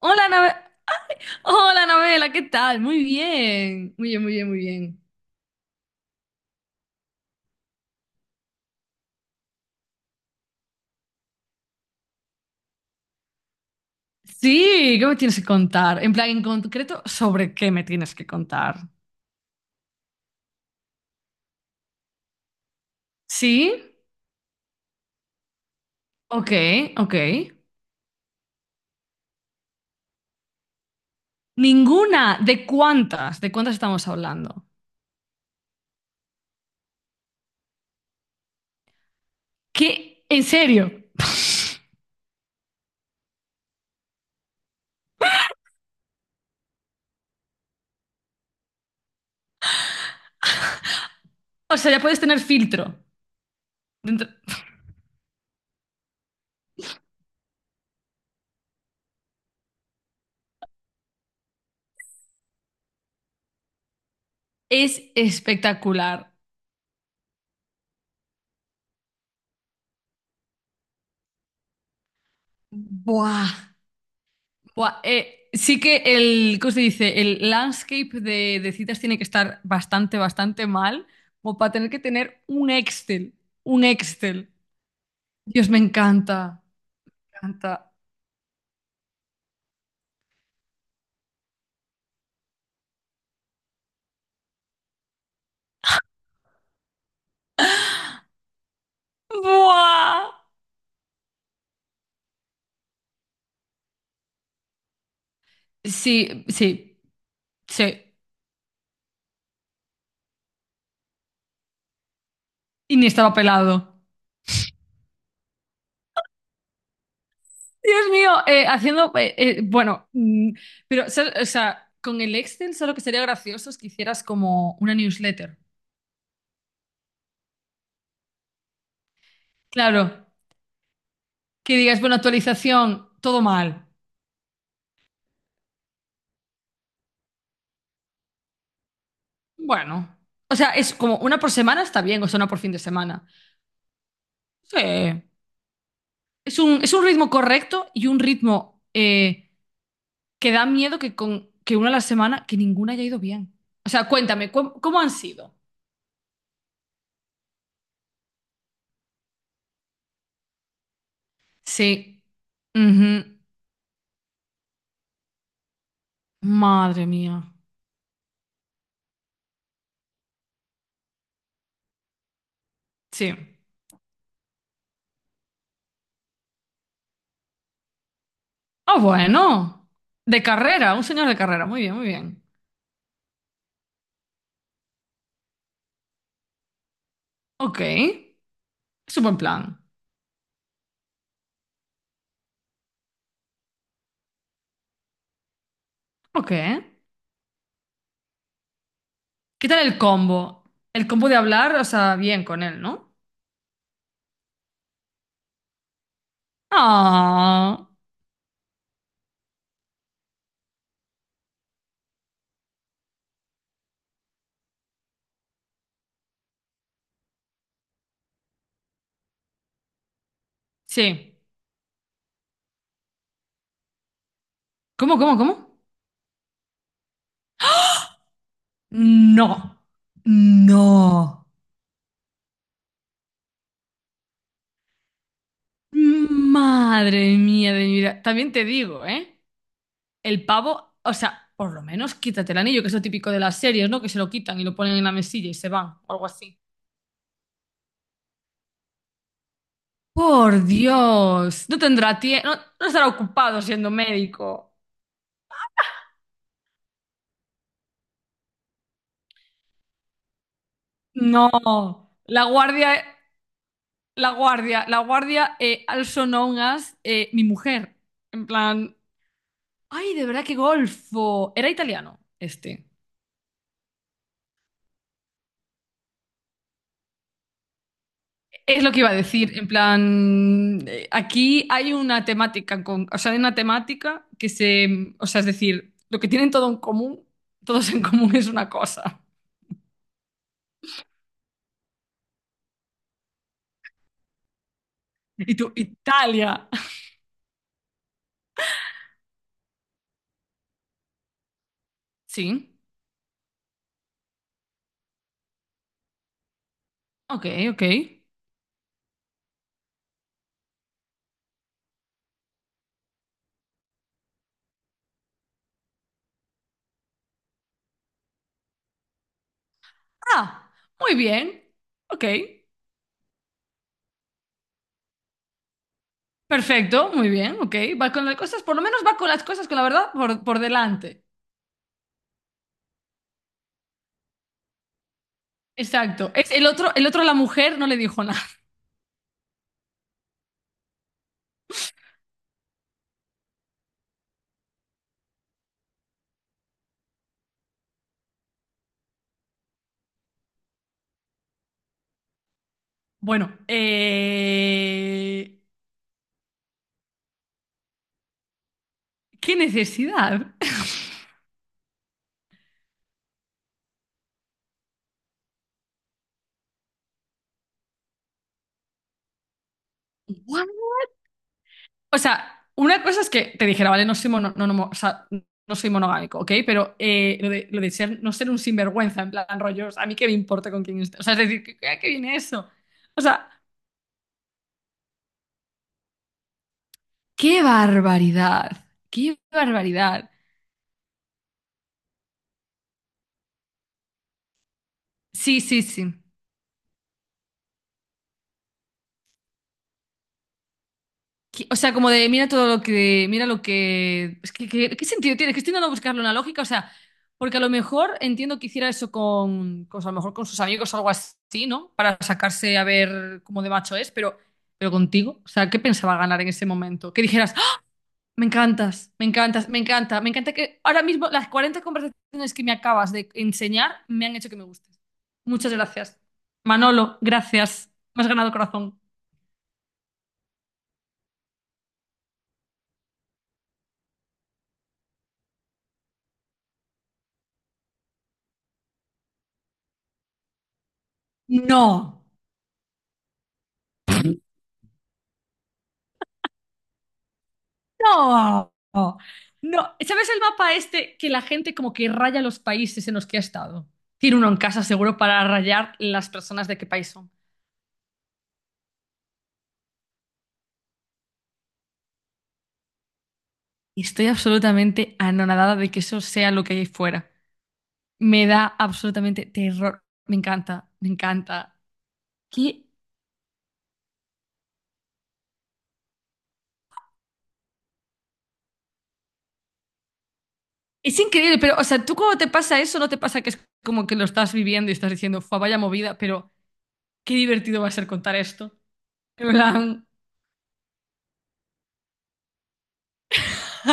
Hola, Hola, Anabela, ¿qué tal? Muy bien, muy bien, muy bien, muy bien. Sí, ¿qué me tienes que contar? En plan, en concreto, ¿sobre qué me tienes que contar? Sí, ok, ok. Ninguna, ¿de cuántas? ¿De cuántas estamos hablando? ¿Qué? ¿En serio? O sea, ya puedes tener filtro. Dentro- Es espectacular. Buah. Buah, sí que el, ¿cómo se dice? El landscape de citas tiene que estar bastante, bastante mal, como para tener que tener un Excel, un Excel. Dios, me encanta, me encanta. Buah. Sí, sí, sí. Y ni estaba pelado. Dios mío, haciendo, bueno, pero, ¿sabes?, o sea, con el Excel solo que sería gracioso es que hicieras como una newsletter. Claro, que digas, bueno, actualización, todo mal. Bueno, o sea, es como una por semana está bien, o sea, una por fin de semana. Sí. Es un ritmo correcto y un ritmo que da miedo que, con, que una a la semana, que ninguna haya ido bien. O sea, cuéntame, ¿cómo, cómo han sido? Sí. Ujú. Madre mía. Sí. Ah, bueno. De carrera, un señor de carrera. Muy bien, muy bien. Ok. Es un buen plan. Ok. ¿Qué tal el combo? El combo de hablar, o sea, bien con él, ¿no? Ah. Sí. ¿Cómo, cómo, cómo? No. No. Madre mía de mi vida. También te digo, ¿eh? El pavo, o sea, por lo menos quítate el anillo, que es lo típico de las series, ¿no? Que se lo quitan y lo ponen en la mesilla y se van, o algo así. Por Dios, no tendrá tiempo, no, no estará ocupado siendo médico. No, la guardia, la guardia, la guardia, also known as mi mujer. En plan, ay, de verdad que golfo. Era italiano, este. Es lo que iba a decir, en plan, aquí hay una temática con, o sea, hay una temática que se, o sea, es decir, lo que tienen todo en común, todos en común es una cosa. Y tú, Italia. Sí, ok, ok. Ah, muy bien, ok. Perfecto, muy bien, ok. Va con las cosas, por lo menos va con las cosas, con la verdad, por delante. Exacto. Es el otro, a la mujer no le dijo. Bueno, ¿qué necesidad? Igual. O sea, una cosa es que te dijera, vale, no soy, no, no o sea, no soy monogámico, ¿ok? Pero lo de ser, no ser un sinvergüenza, en plan rollos, a mí qué me importa con quién esté. O sea, es decir, ¿qué viene eso? O sea, qué barbaridad, qué barbaridad. Sí, sí, sí. O sea, como de mira todo lo que, mira lo que, es que, ¿qué sentido tiene? Que estoy intentando buscarle una lógica, o sea, porque a lo mejor entiendo que hiciera eso a lo mejor con sus amigos o algo así, ¿no? Para sacarse a ver cómo de macho es, pero contigo, o sea, ¿qué pensaba ganar en ese momento? Que dijeras, "¡Ah! Me encantas, me encantas, me encanta, me encanta que ahora mismo las 40 conversaciones que me acabas de enseñar me han hecho que me gustes. Muchas gracias. Manolo, gracias. Me has ganado corazón. No. No, no. ¿Sabes el mapa este que la gente como que raya los países en los que ha estado? Tiene uno en casa seguro para rayar las personas de qué país son. Y estoy absolutamente anonadada de que eso sea lo que hay fuera. Me da absolutamente terror. Me encanta, me encanta. ¿Qué? Es increíble, pero, o sea, tú cuando te pasa eso, no te pasa que es como que lo estás viviendo y estás diciendo, fue vaya movida, pero qué divertido va a ser contar esto. En plan,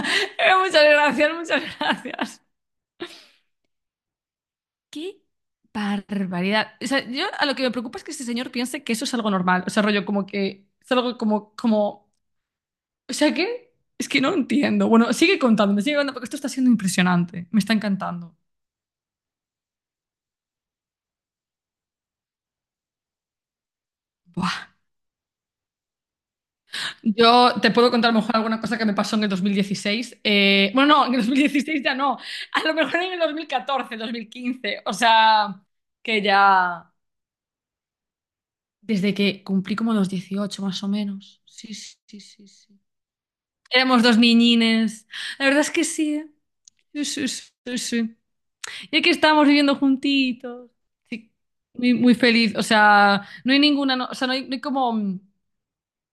muchas gracias, muchas gracias. Qué barbaridad. O sea, yo a lo que me preocupa es que este señor piense que eso es algo normal. O sea, rollo como que es algo como, como, o sea, ¿qué? Es que no entiendo. Bueno, sigue contándome, sigue contando porque esto está siendo impresionante. Me está encantando. Buah. Yo te puedo contar a lo mejor alguna cosa que me pasó en el 2016. Bueno, no, en el 2016 ya no. A lo mejor en el dos mil catorce, 2015. O sea, que ya... Desde que cumplí como los 18 más o menos. Sí, sí, sí, sí. Éramos dos niñines. La verdad es que sí, ¿eh? Sí, sí, sí, sí. Sí. Y aquí estábamos viviendo juntitos. Sí, muy, muy feliz. O sea, no hay ninguna, o sea, no hay como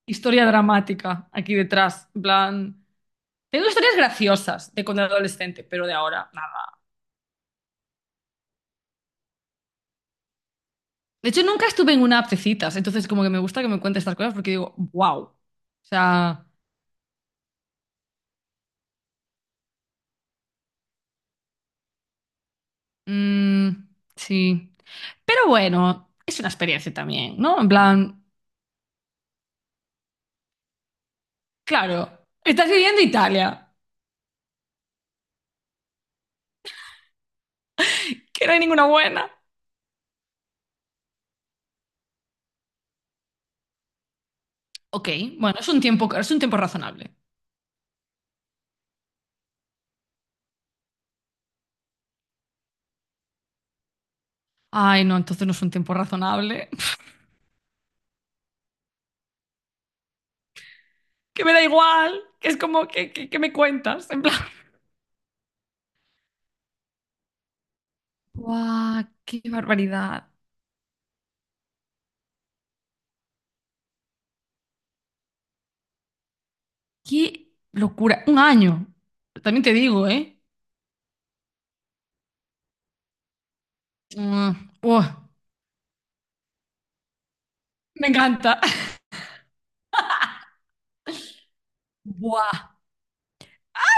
historia dramática aquí detrás. En plan, tengo historias graciosas de cuando era adolescente, pero de ahora, nada. De hecho, nunca estuve en una app de citas, entonces como que me gusta que me cuentes estas cosas porque digo, wow. O sea, mm, sí. Pero bueno, es una experiencia también, ¿no? En plan, claro, estás viviendo en Italia, que no hay ninguna buena. Ok, bueno, es un tiempo razonable. Ay, no, entonces no es un tiempo razonable. Que me da igual, que es como que, que me cuentas, en plan. ¡Guau! ¡Qué barbaridad! ¡Qué locura! Un año. También te digo, ¿eh? Mm, ¡buah! Me encanta. ¡Buah!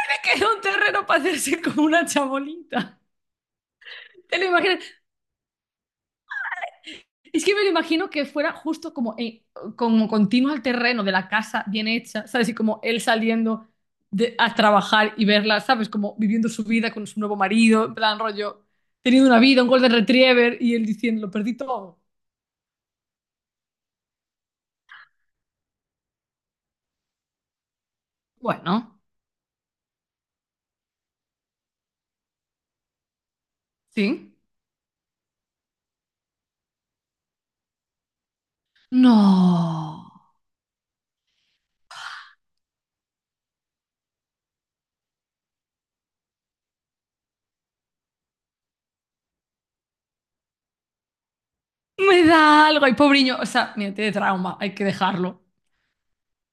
Me quedó un terreno para hacerse con una chabolita. ¿Te lo imaginas? Es que me lo imagino que fuera justo como continuo al terreno de la casa bien hecha, ¿sabes? Y como él saliendo a trabajar y verla, ¿sabes? Como viviendo su vida con su nuevo marido, en plan rollo, teniendo una vida, un golden retriever, y él diciendo, lo perdí todo. Bueno, sí. No. Me da algo, ay, pobriño. O sea, mira, tiene trauma, hay que dejarlo.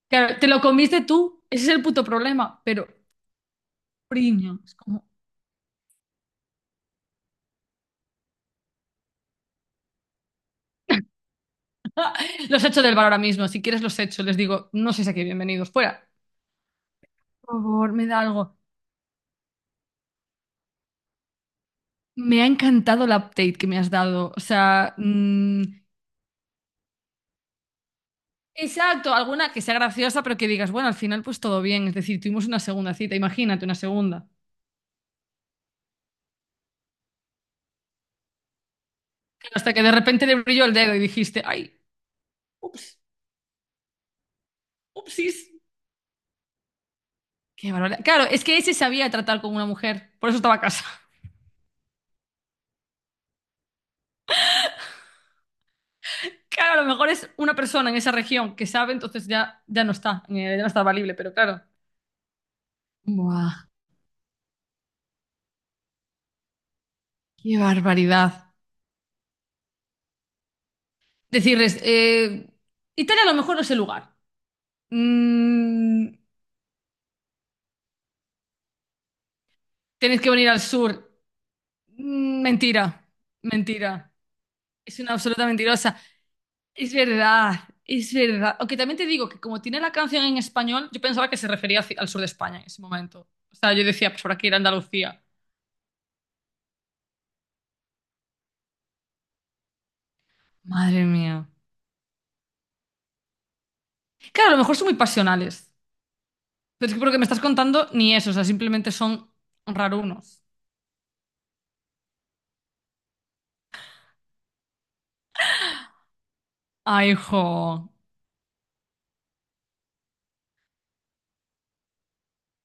Claro, te lo comiste tú, ese es el puto problema, pero, pobriño, es como... Los echo del bar ahora mismo, si quieres los echo, les digo, no sé si aquí bienvenidos, fuera. Por favor, me da algo. Me ha encantado el update que me has dado. O sea, exacto, alguna que sea graciosa, pero que digas, bueno, al final pues todo bien. Es decir, tuvimos una segunda cita, imagínate una segunda. Claro, hasta que de repente le brilló el dedo y dijiste, ay, ups, upsis. Qué barbaridad. Claro, es que ese sabía tratar con una mujer, por eso estaba a casa. Claro, a lo mejor es una persona en esa región que sabe, entonces ya, ya no está valible, pero claro. Buah, qué barbaridad. Decirles, Italia a lo mejor no es el lugar. Mm, tenéis que venir al sur. Mm, mentira, mentira. Es una absoluta mentirosa. Es verdad, es verdad. Aunque también te digo que como tiene la canción en español, yo pensaba que se refería al sur de España en ese momento. O sea, yo decía, pues por aquí ir a Andalucía. Madre mía. Claro, a lo mejor son muy pasionales. Pero es que por lo que me estás contando, ni eso. O sea, simplemente son rarunos. Ay, jo.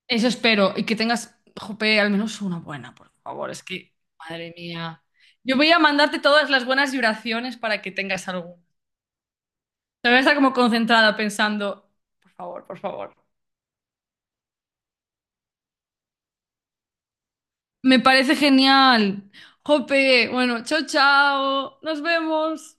Eso espero. Y que tengas, jope, al menos una buena, por favor. Es que, madre mía. Yo voy a mandarte todas las buenas vibraciones para que tengas alguna. Te voy a estar como concentrada pensando, por favor, por favor. Me parece genial. Jope, bueno, chao, chao. Nos vemos.